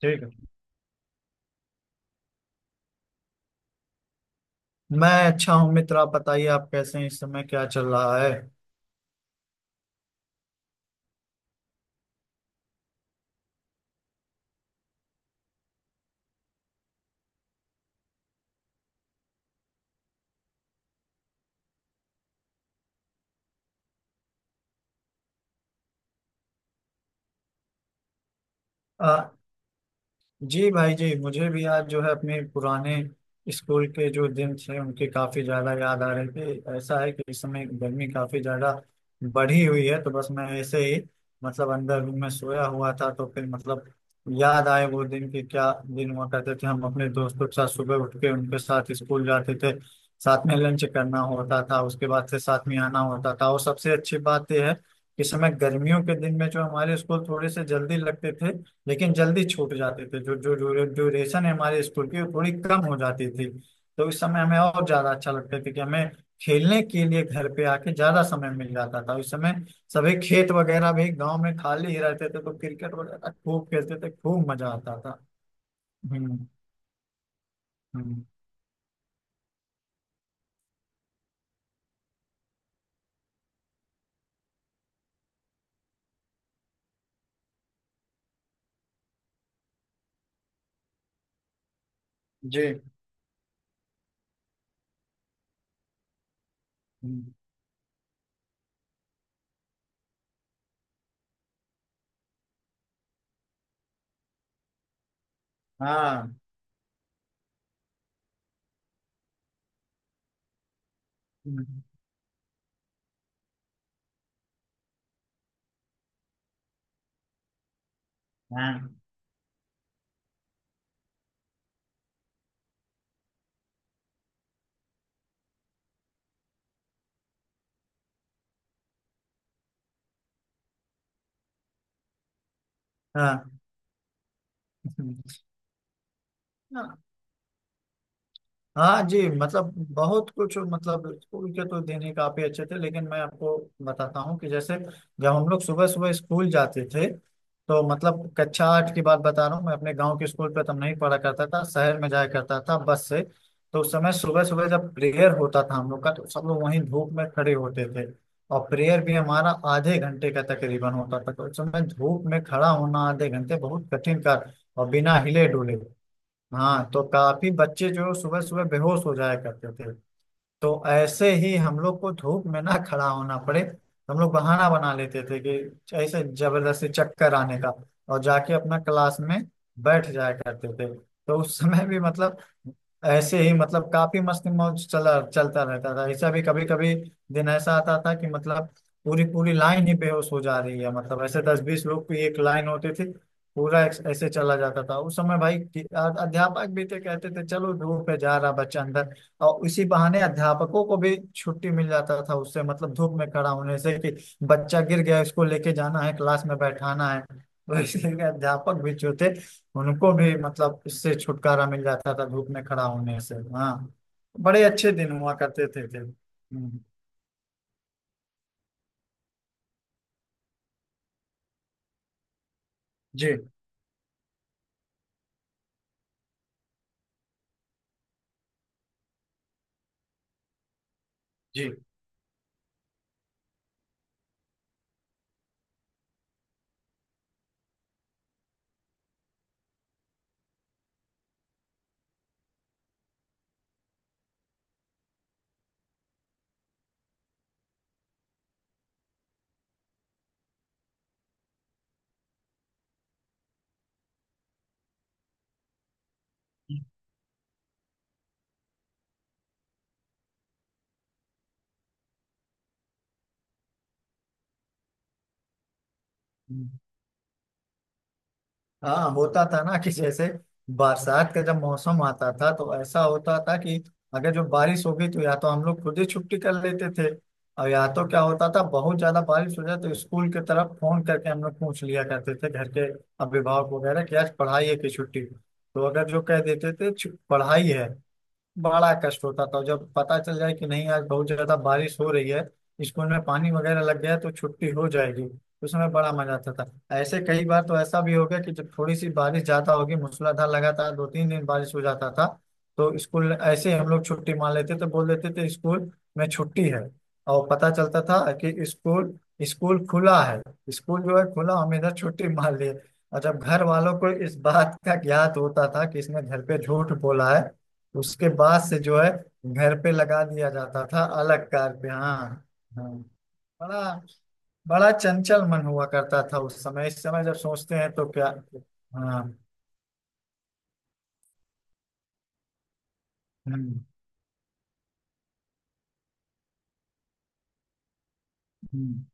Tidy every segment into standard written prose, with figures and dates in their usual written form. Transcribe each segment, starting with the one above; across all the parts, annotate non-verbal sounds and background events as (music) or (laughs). ठीक है। मैं अच्छा हूँ मित्र, आप बताइए आप कैसे हैं, इस समय क्या चल रहा है? आ, जी भाई जी, मुझे भी आज जो है अपने पुराने स्कूल के जो दिन थे उनके काफी ज्यादा याद आ रहे थे। ऐसा है कि इस समय गर्मी काफी ज्यादा बढ़ी हुई है तो बस मैं ऐसे ही मतलब अंदर रूम में सोया हुआ था तो फिर मतलब याद आए वो दिन कि क्या दिन हुआ करते थे। हम अपने दोस्तों के साथ सुबह उठ के उनके साथ स्कूल जाते थे, साथ में लंच करना होता था, उसके बाद से साथ में आना होता था। और सबसे अच्छी बात यह है कि इस समय गर्मियों के दिन में जो हमारे स्कूल थोड़े से जल्दी लगते थे लेकिन जल्दी छूट जाते थे, जो जो जो ड्यूरेशन है हमारे स्कूल की वो थोड़ी कम हो जाती थी। तो इस समय हमें और ज्यादा अच्छा लगता था कि हमें खेलने के लिए घर पे आके ज्यादा समय मिल जाता था। उस समय सभी खेत वगैरह भी गांव में खाली ही रहते थे तो क्रिकेट वगैरह खूब खेलते थे, खूब मजा आता था। हम्म। हम्म, जी। हम्म। हाँ। हम्म। हाँ। हाँ। हाँ जी मतलब बहुत कुछ मतलब स्कूल के तो दिन ही काफी अच्छे थे, लेकिन मैं आपको बताता हूँ कि जैसे जब हम लोग सुबह सुबह स्कूल जाते थे तो मतलब कक्षा आठ की बात बता रहा हूँ। मैं अपने गांव के स्कूल पे तब नहीं पढ़ा करता था, शहर में जाया करता था बस से। तो उस समय सुबह सुबह जब प्रेयर होता था हम लोग का तो सब लोग वहीं धूप में खड़े होते थे, और प्रेयर भी हमारा आधे घंटे का तकरीबन होता था तो उस समय धूप में खड़ा होना आधे घंटे बहुत कठिन कार्य, और बिना हिले डुले। हाँ, तो काफी बच्चे जो सुबह सुबह बेहोश हो जाया करते थे। तो ऐसे ही हम लोग को धूप में ना खड़ा होना पड़े, हम लोग बहाना बना लेते थे कि ऐसे जबरदस्ती चक्कर आने का, और जाके अपना क्लास में बैठ जाया करते थे। तो उस समय भी मतलब ऐसे ही मतलब काफी मस्ती मौज चला चलता रहता था। ऐसा भी कभी कभी दिन ऐसा आता था कि मतलब पूरी पूरी लाइन ही बेहोश हो जा रही है, मतलब ऐसे दस बीस लोग की एक लाइन होती थी। ऐसे चला जाता था उस समय भाई अध्यापक भी थे कहते थे चलो धूप पे जा रहा बच्चा अंदर, और इसी बहाने अध्यापकों को भी छुट्टी मिल जाता था उससे, मतलब धूप में खड़ा होने से, कि बच्चा गिर गया इसको लेके जाना है क्लास में बैठाना है। तो इसलिए अध्यापक भी जो थे उनको भी मतलब इससे छुटकारा मिल जाता था धूप में खड़ा होने से। हाँ। बड़े अच्छे दिन हुआ करते थे। हम्म। जी जी। हम्म। हाँ, होता था ना कि जैसे बरसात का जब मौसम आता था तो ऐसा होता था कि अगर जो बारिश हो गई तो या तो हम लोग खुद ही छुट्टी कर लेते थे, और या तो क्या होता था बहुत ज्यादा बारिश हो जाए तो स्कूल की तरफ फोन करके हम लोग पूछ लिया करते थे घर के अभिभावक वगैरह कि आज पढ़ाई है कि छुट्टी। तो अगर जो कह देते थे पढ़ाई है, बड़ा कष्ट होता था जब पता चल जाए कि नहीं आज बहुत ज्यादा बारिश हो रही है, स्कूल में पानी वगैरह लग गया तो छुट्टी हो जाएगी, उस समय बड़ा मजा आता था। ऐसे कई बार तो ऐसा भी हो गया कि जब थोड़ी सी बारिश ज्यादा होगी मूसलाधार लगातार दो तीन दिन बारिश हो जाता था तो स्कूल ऐसे ही हम लोग छुट्टी मान लेते थे, बोल देते थे स्कूल में छुट्टी है, और पता चलता था कि स्कूल स्कूल खुला है। स्कूल जो है खुला, हम इधर छुट्टी मान लिए। और जब घर वालों को इस बात का ज्ञात होता था कि इसने घर पे झूठ बोला है, उसके बाद से जो है घर पे लगा दिया जाता था अलग कार पे। हाँ। हाँ। बड़ा बड़ा चंचल मन हुआ करता था उस समय, इस समय जब सोचते हैं तो क्या! हाँ। हम्म। हम्म।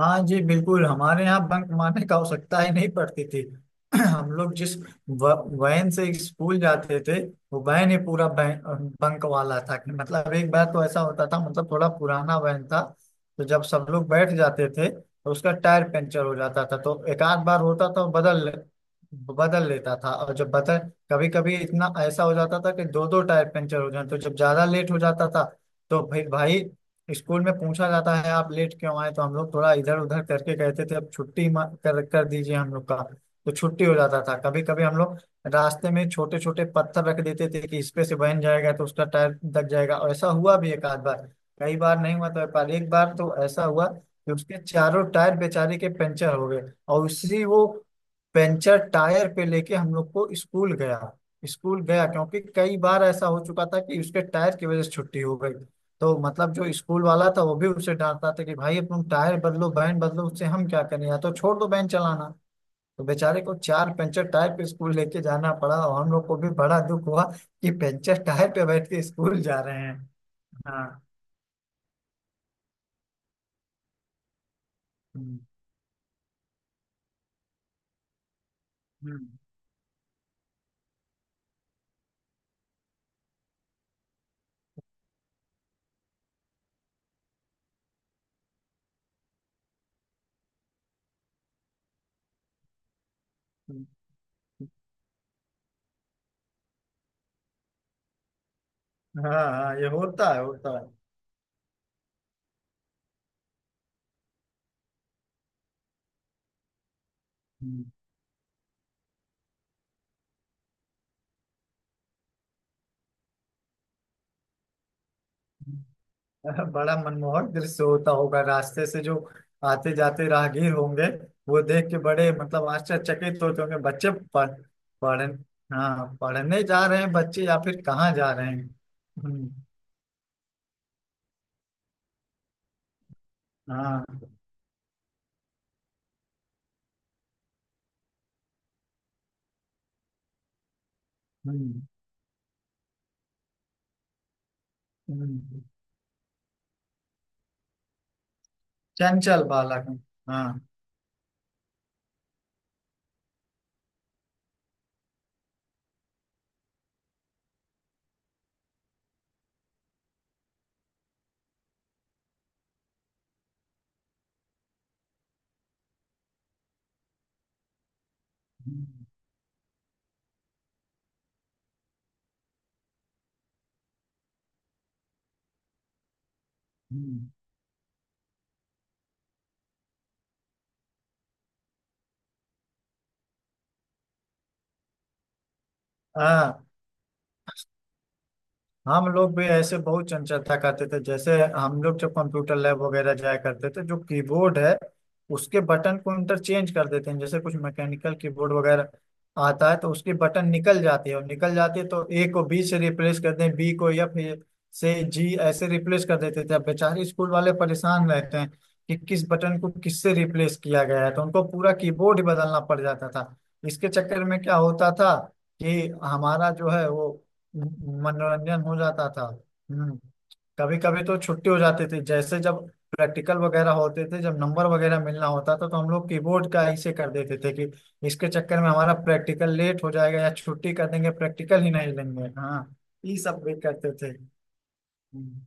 हाँ जी बिल्कुल, हमारे यहाँ बंक मारने का आवश्यकता ही नहीं पड़ती थी। (clears throat) हम लोग जिस व- वैन से स्कूल जाते थे वो वैन ही पूरा बंक वाला था कि मतलब एक बार तो ऐसा होता था, मतलब थोड़ा पुराना वैन था तो जब सब लोग बैठ जाते थे तो उसका टायर पंचर हो जाता था। तो एक आध बार होता था, बदल बदल लेता था, और जब बदल कभी कभी इतना ऐसा हो जाता था कि दो दो टायर पंचर हो जाते तो जब ज्यादा लेट हो जाता था तो फिर भाई स्कूल में पूछा जाता है आप लेट क्यों आए, तो हम लोग थोड़ा इधर उधर करके कहते थे तो अब छुट्टी कर दीजिए हम लोग का, तो छुट्टी हो जाता था। कभी कभी हम लोग रास्ते में छोटे छोटे पत्थर रख देते थे कि इस पे से बहन जाएगा तो उसका टायर दब जाएगा, और ऐसा हुआ भी एक आध बार। कई बार नहीं हुआ, तो एक बार, एक बार तो ऐसा हुआ कि उसके चारों टायर बेचारे के पंचर हो गए, और उसी वो पंचर टायर पे लेके हम लोग को स्कूल गया। स्कूल गया क्योंकि कई बार ऐसा हो चुका था कि उसके टायर की वजह से छुट्टी हो गई, तो मतलब जो स्कूल वाला था वो भी उसे डांटता था कि भाई तुम टायर बदलो बैंड बदलो, उससे हम क्या करें, या तो छोड़ दो बैंड चलाना। तो बेचारे को चार पंचर टायर पे स्कूल लेके जाना पड़ा, और हम लोग को भी बड़ा दुख हुआ कि पंचर टायर पे बैठ के स्कूल जा रहे हैं। हाँ। हम्म। हम्म। हम्म। हम्म। हाँ हाँ, ये होता है होता है। हम्म। हम्म। (laughs) बड़ा मनमोहक दृश्य होता होगा, रास्ते से जो आते जाते राहगीर होंगे वो देख के बड़े मतलब आश्चर्यचकित होते होंगे, बच्चे पढ़ पढ़ हाँ, पढ़ने जा रहे हैं बच्चे या फिर कहाँ जा रहे हैं। हम्म। हाँ। हम्म। हम्म। चंचल बालक। हाँ। हम्म। हम्म। हाँ, हम लोग भी ऐसे बहुत चंचलता करते थे, जैसे हम लोग जब कंप्यूटर लैब वगैरह जाया करते थे जो कीबोर्ड है उसके बटन को इंटरचेंज कर देते हैं। जैसे कुछ मैकेनिकल कीबोर्ड वगैरह आता है तो उसकी बटन निकल जाती है, और निकल जाती है तो ए को बी से रिप्लेस कर दें, बी को एफ से, जी, ऐसे रिप्लेस कर देते थे। अब बेचारे स्कूल वाले परेशान रहते हैं कि किस बटन को किससे रिप्लेस किया गया है, तो उनको पूरा कीबोर्ड ही बदलना पड़ जाता था। इसके चक्कर में क्या होता था कि हमारा जो है वो मनोरंजन हो जाता था। हम्म। कभी कभी तो छुट्टी हो जाती थी, जैसे जब प्रैक्टिकल वगैरह होते थे जब नंबर वगैरह मिलना होता था तो हम लोग कीबोर्ड का ऐसे कर देते थे कि इसके चक्कर में हमारा प्रैक्टिकल लेट हो जाएगा, या छुट्टी कर देंगे प्रैक्टिकल ही नहीं लेंगे। हाँ, ये सब भी करते थे। हम्म।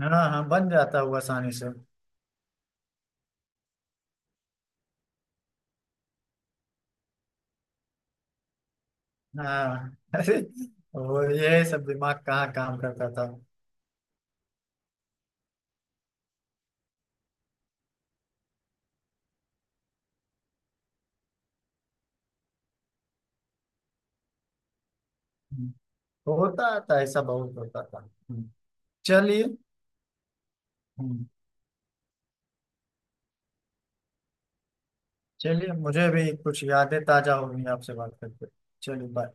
हाँ हाँ, बन जाता हुआ आसानी से। हाँ (laughs) अरे वो ये सब दिमाग कहाँ काम करता था। हम्म, होता था, ऐसा बहुत होता था। हम्म। चलिए। हम्म। चलिए, मुझे भी कुछ यादें ताजा हो गई आपसे बात करके। चलिए, बाय।